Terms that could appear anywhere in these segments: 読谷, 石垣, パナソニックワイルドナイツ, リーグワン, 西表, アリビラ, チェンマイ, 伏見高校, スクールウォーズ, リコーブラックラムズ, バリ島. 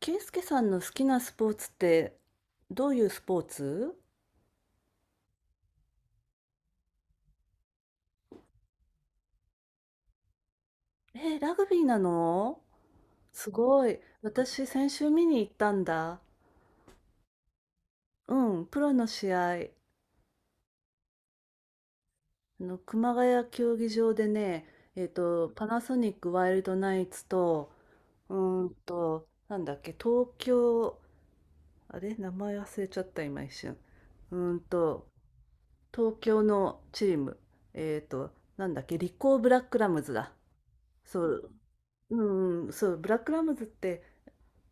圭介さんの好きなスポーツって、どういうスポーツ？えーラグビーなの？すごい。私、先週見に行ったんだ。うん、プロの試合。あの、熊谷競技場でね、パナソニックワイルドナイツと、なんだっけ、東京、あれ名前忘れちゃった、今一瞬。うーんと、東京のチーム、えっと、なんだっけ、リコーブラックラムズだ。そう、うんそう、ブラックラムズって、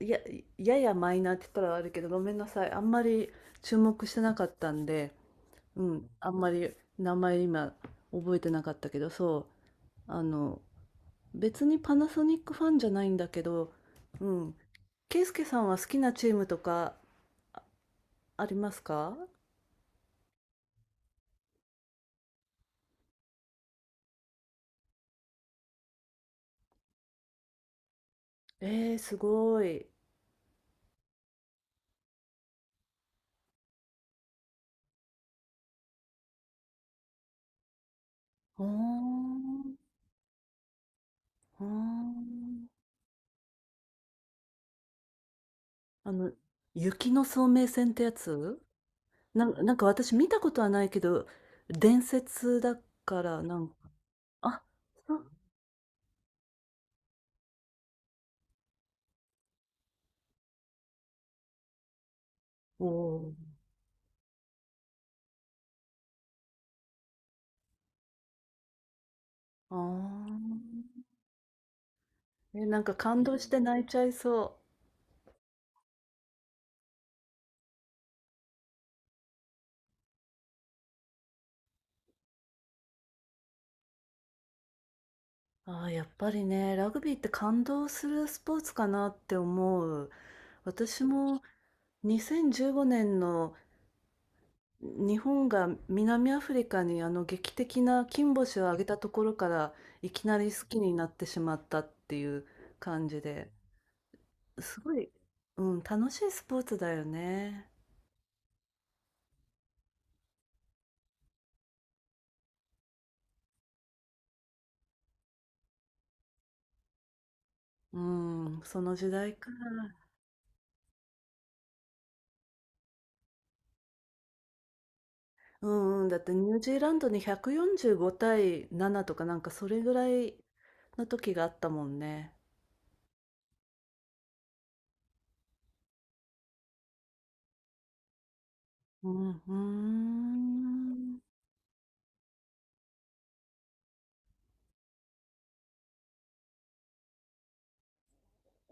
や、ややマイナーって言ったらあるけど、ごめんなさい。あんまり注目してなかったんで、うん、あんまり名前今覚えてなかったけど、そう、あの、別にパナソニックファンじゃないんだけど、うん、ケイスケさんは好きなチームとかありますか？えー、すごい。ほーん、ほーん。あの、雪の聡明戦ってやつ、なんなんか私見たことはないけど、伝説だからなんか、あ、そう。おお、ああ。え、なんか感動して泣いちゃいそう。ああ、やっぱりね、ラグビーって感動するスポーツかなって思う。私も2015年の日本が南アフリカにあの劇的な金星を挙げたところからいきなり好きになってしまったっていう感じで。すごい、うん、楽しいスポーツだよね。うん、その時代から。うんうん、だってニュージーランドに145対7とかなんかそれぐらいの時があったもんね。うん、うーん。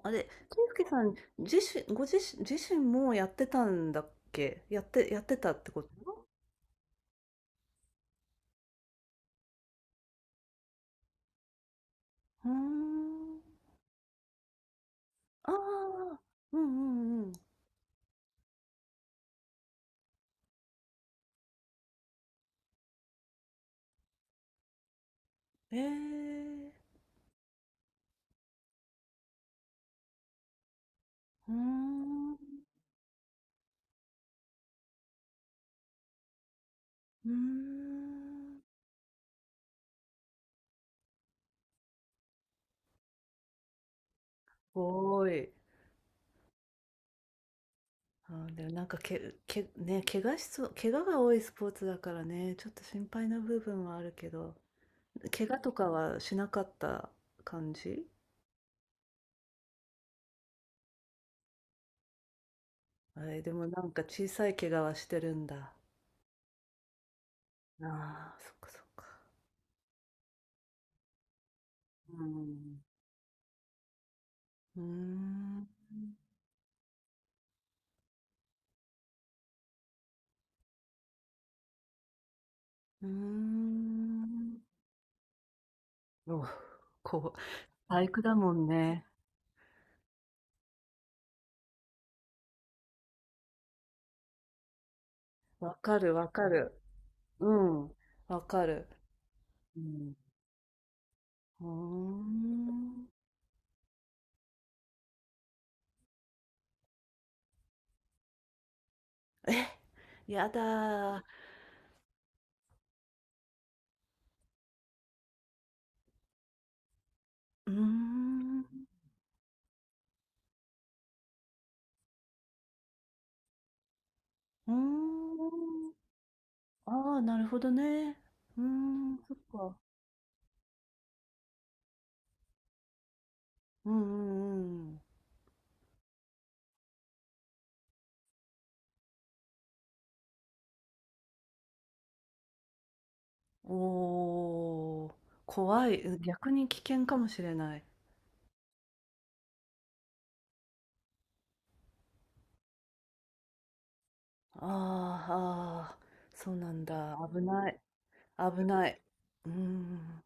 あれ、俊介さんご自身もやってたんだっけ、やってたってこと？うーん。ああ、うんうんうん。ええー、うーん、うーん。ごーい。あ、でもなんかね、怪我しそう、怪我が多いスポーツだからね、ちょっと心配な部分はあるけど、怪我とかはしなかった感じ？え、でもなんか小さい怪我はしてるんだ。ああ、そっかそっか。うん。うーん。うーん。お、こう、体育だもんね。わかるわかる。うん。わかる。うん。うーん。え、やだー。うーん。うーん。ああ、なるほどね。うーん、そっか。うんうんうん。おお、怖い。うん、逆に危険かもしれない。あーあー、そうなんだ。危ない。危ない。うーん。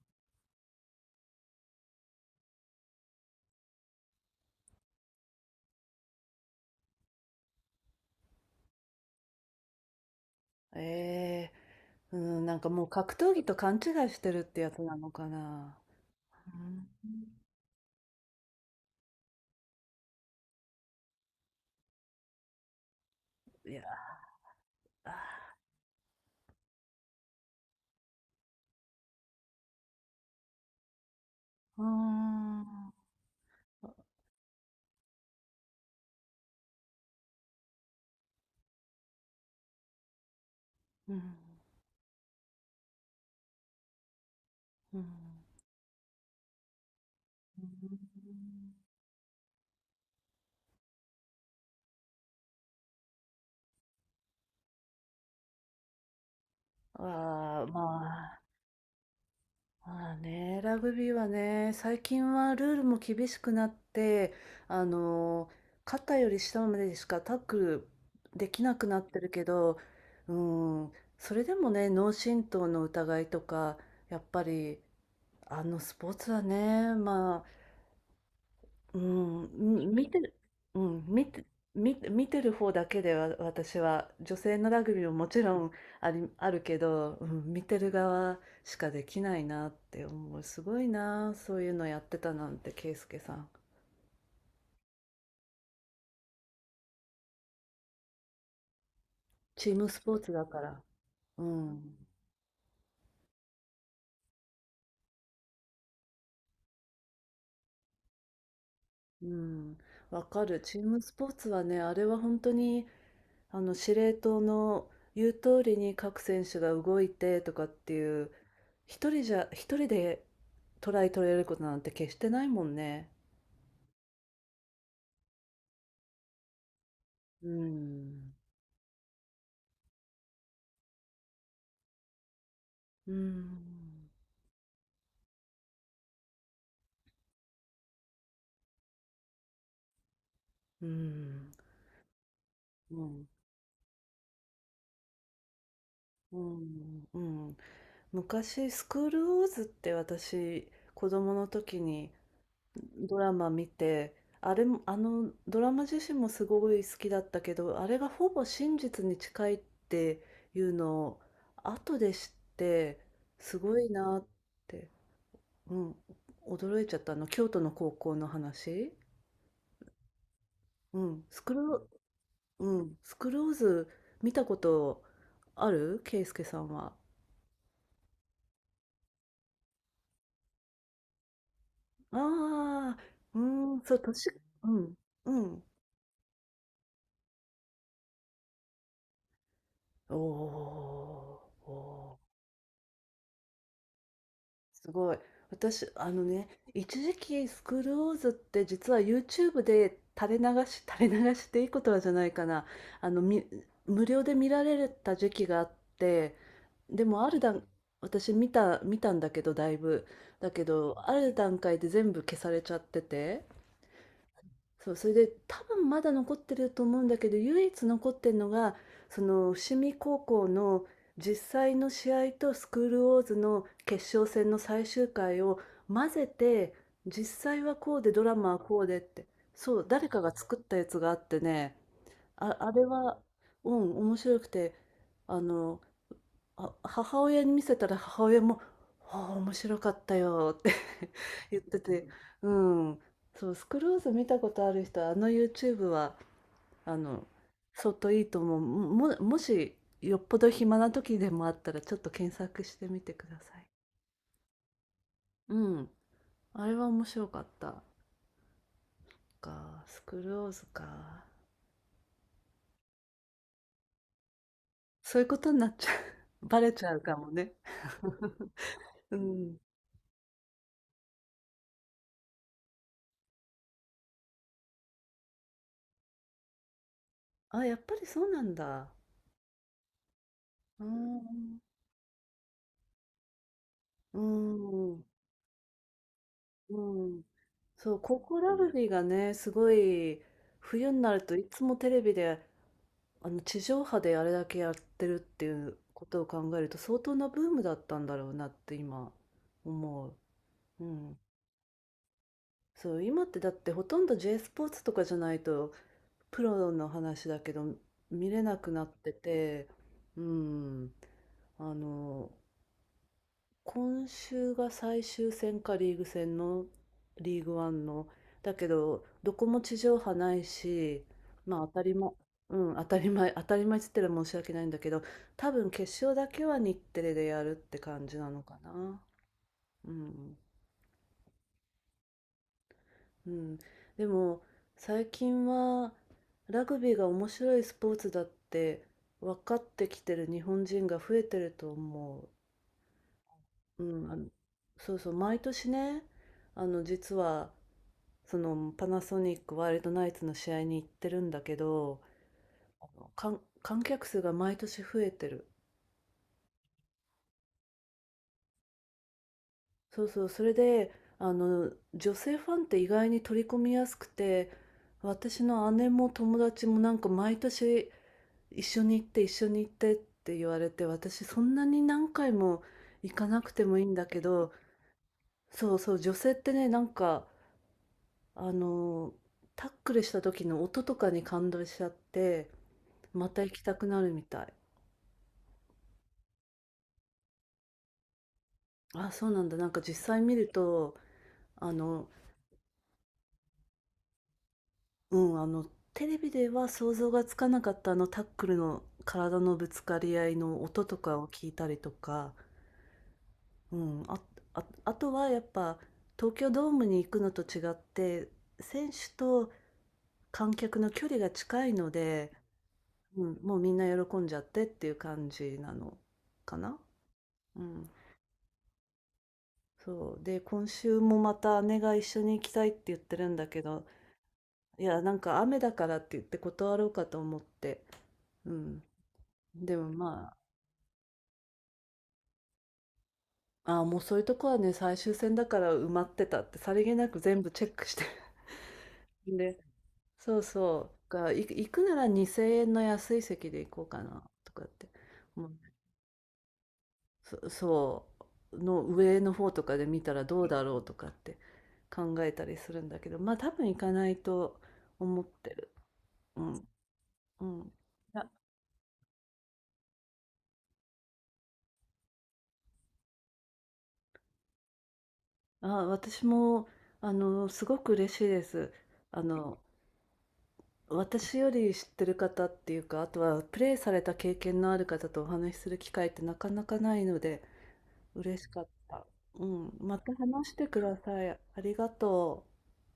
ええーうん、なんかもう格闘技と勘違いしてるってやつなのかな。うん、いや、あーうーん。うん。うん。うん、あー、まあ、まあね、ラグビーはね、最近はルールも厳しくなって、あの、肩より下までしかタックルできなくなってるけど、うん、それでもね、脳震盪の疑いとか、やっぱり、あのスポーツはね、ま、うん、見てる。うん、見てる方だけでは、私は女性のラグビーももちろんあるけど、うん、見てる側しかできないなって思う。すごいな、そういうのやってたなんて、圭介さん。チームスポーツだから。うん。うん。わかる。チームスポーツはね、あれは本当にあの司令塔の言う通りに各選手が動いてとかっていう、一人でトライ取れることなんて決してないもんね。うん。うん、うん、うん、うん、うん。昔「スクールウォーズ」って、私子供の時にドラマ見て、あれも、あのドラマ自身もすごい好きだったけど、あれがほぼ真実に近いっていうのを後で知って、すごいなって、うん、驚いちゃったあの。京都の高校の話。うん、スクロ、うん、スクローズ見たことあるケイスケさんは？ああ、うん、そう、年、うん、うん。おー、おー、すごい。私、あのね、一時期スクールウォーズって実は YouTube で垂れ流していいことはじゃないかな。あの、無料で見られた時期があって、でもある段、私見たんだけど、だいぶ。だけど、ある段階で全部消されちゃってて、そう、それで、多分まだ残ってると思うんだけど、唯一残ってるのが、その伏見高校の実際の試合とスクールウォーズの決勝戦の最終回を混ぜて、実際はこうでドラマはこうでって、そう、誰かが作ったやつがあってね、あ、あれは、うん、面白くて、あの、あ、母親に見せたら母親も「ああ、面白かったよ」って 言ってて、うん、そう、スクローズ見たことある人は、あの YouTube は、あの、相当いいと思う。もし、よっぽど暇な時でもあったら、ちょっと検索してみてください。うん、あれは面白かった。か、スクローズか。そういうことになっちゃう。バレちゃうかもね。うん。あ、やっぱりそうなんだ。うーん。うーん。うーん。そう、高校ラグビーがね、すごい、冬になるといつもテレビで、あの、地上波であれだけやってるっていうことを考えると、相当なブームだったんだろうなって今思う。うん。そう、今ってだってほとんど J スポーツとかじゃないと、プロの話だけど、見れなくなってて、うん。あの、今週が最終戦か、リーグ戦の、リーグワンの、だけどどこも地上波ないし、まあ当たり前、うん、当たり前当たり前っつったら申し訳ないんだけど、多分決勝だけは日テレでやるって感じなのかな。うん、うん。でも最近はラグビーが面白いスポーツだって分かってきてる日本人が増えてると思う。うん、あの、そうそう、毎年ね、あの、実はそのパナソニックワイルドナイツの試合に行ってるんだけど、あの、観客数が毎年増えてる。そうそう、それで、あの、女性ファンって意外に取り込みやすくて、私の姉も友達もなんか毎年、一緒に行って一緒に行ってって言われて、私そんなに何回も行かなくてもいいんだけど、そうそう、女性ってね、なんか、あの、タックルした時の音とかに感動しちゃって、また行きたくなるみたい。あ、そうなんだ。なんか実際見ると、あの、うん、あの、テレビでは想像がつかなかったあのタックルの体のぶつかり合いの音とかを聞いたりとか、うん、あとはやっぱ東京ドームに行くのと違って、選手と観客の距離が近いので、うん、もうみんな喜んじゃってっていう感じなのかな。うん、そう。で、今週もまた姉が一緒に行きたいって言ってるんだけど、いや、なんか雨だからって言って断ろうかと思って。うん。でもまあ、あーもうそういうとこはね、最終戦だから埋まってたって、さりげなく全部チェックして。で、そうそう。行くなら2000円の安い席で行こうかな、とかって。もう、そう、の上の方とかで見たらどうだろうとかって考えたりするんだけど、まあ多分行かないと思ってる。うん。うん。あ、私も、あの、すごく嬉しいです。あの、私より知ってる方っていうか、あとはプレイされた経験のある方とお話しする機会ってなかなかないので、嬉しかった。うん、また話してください。ありがとう。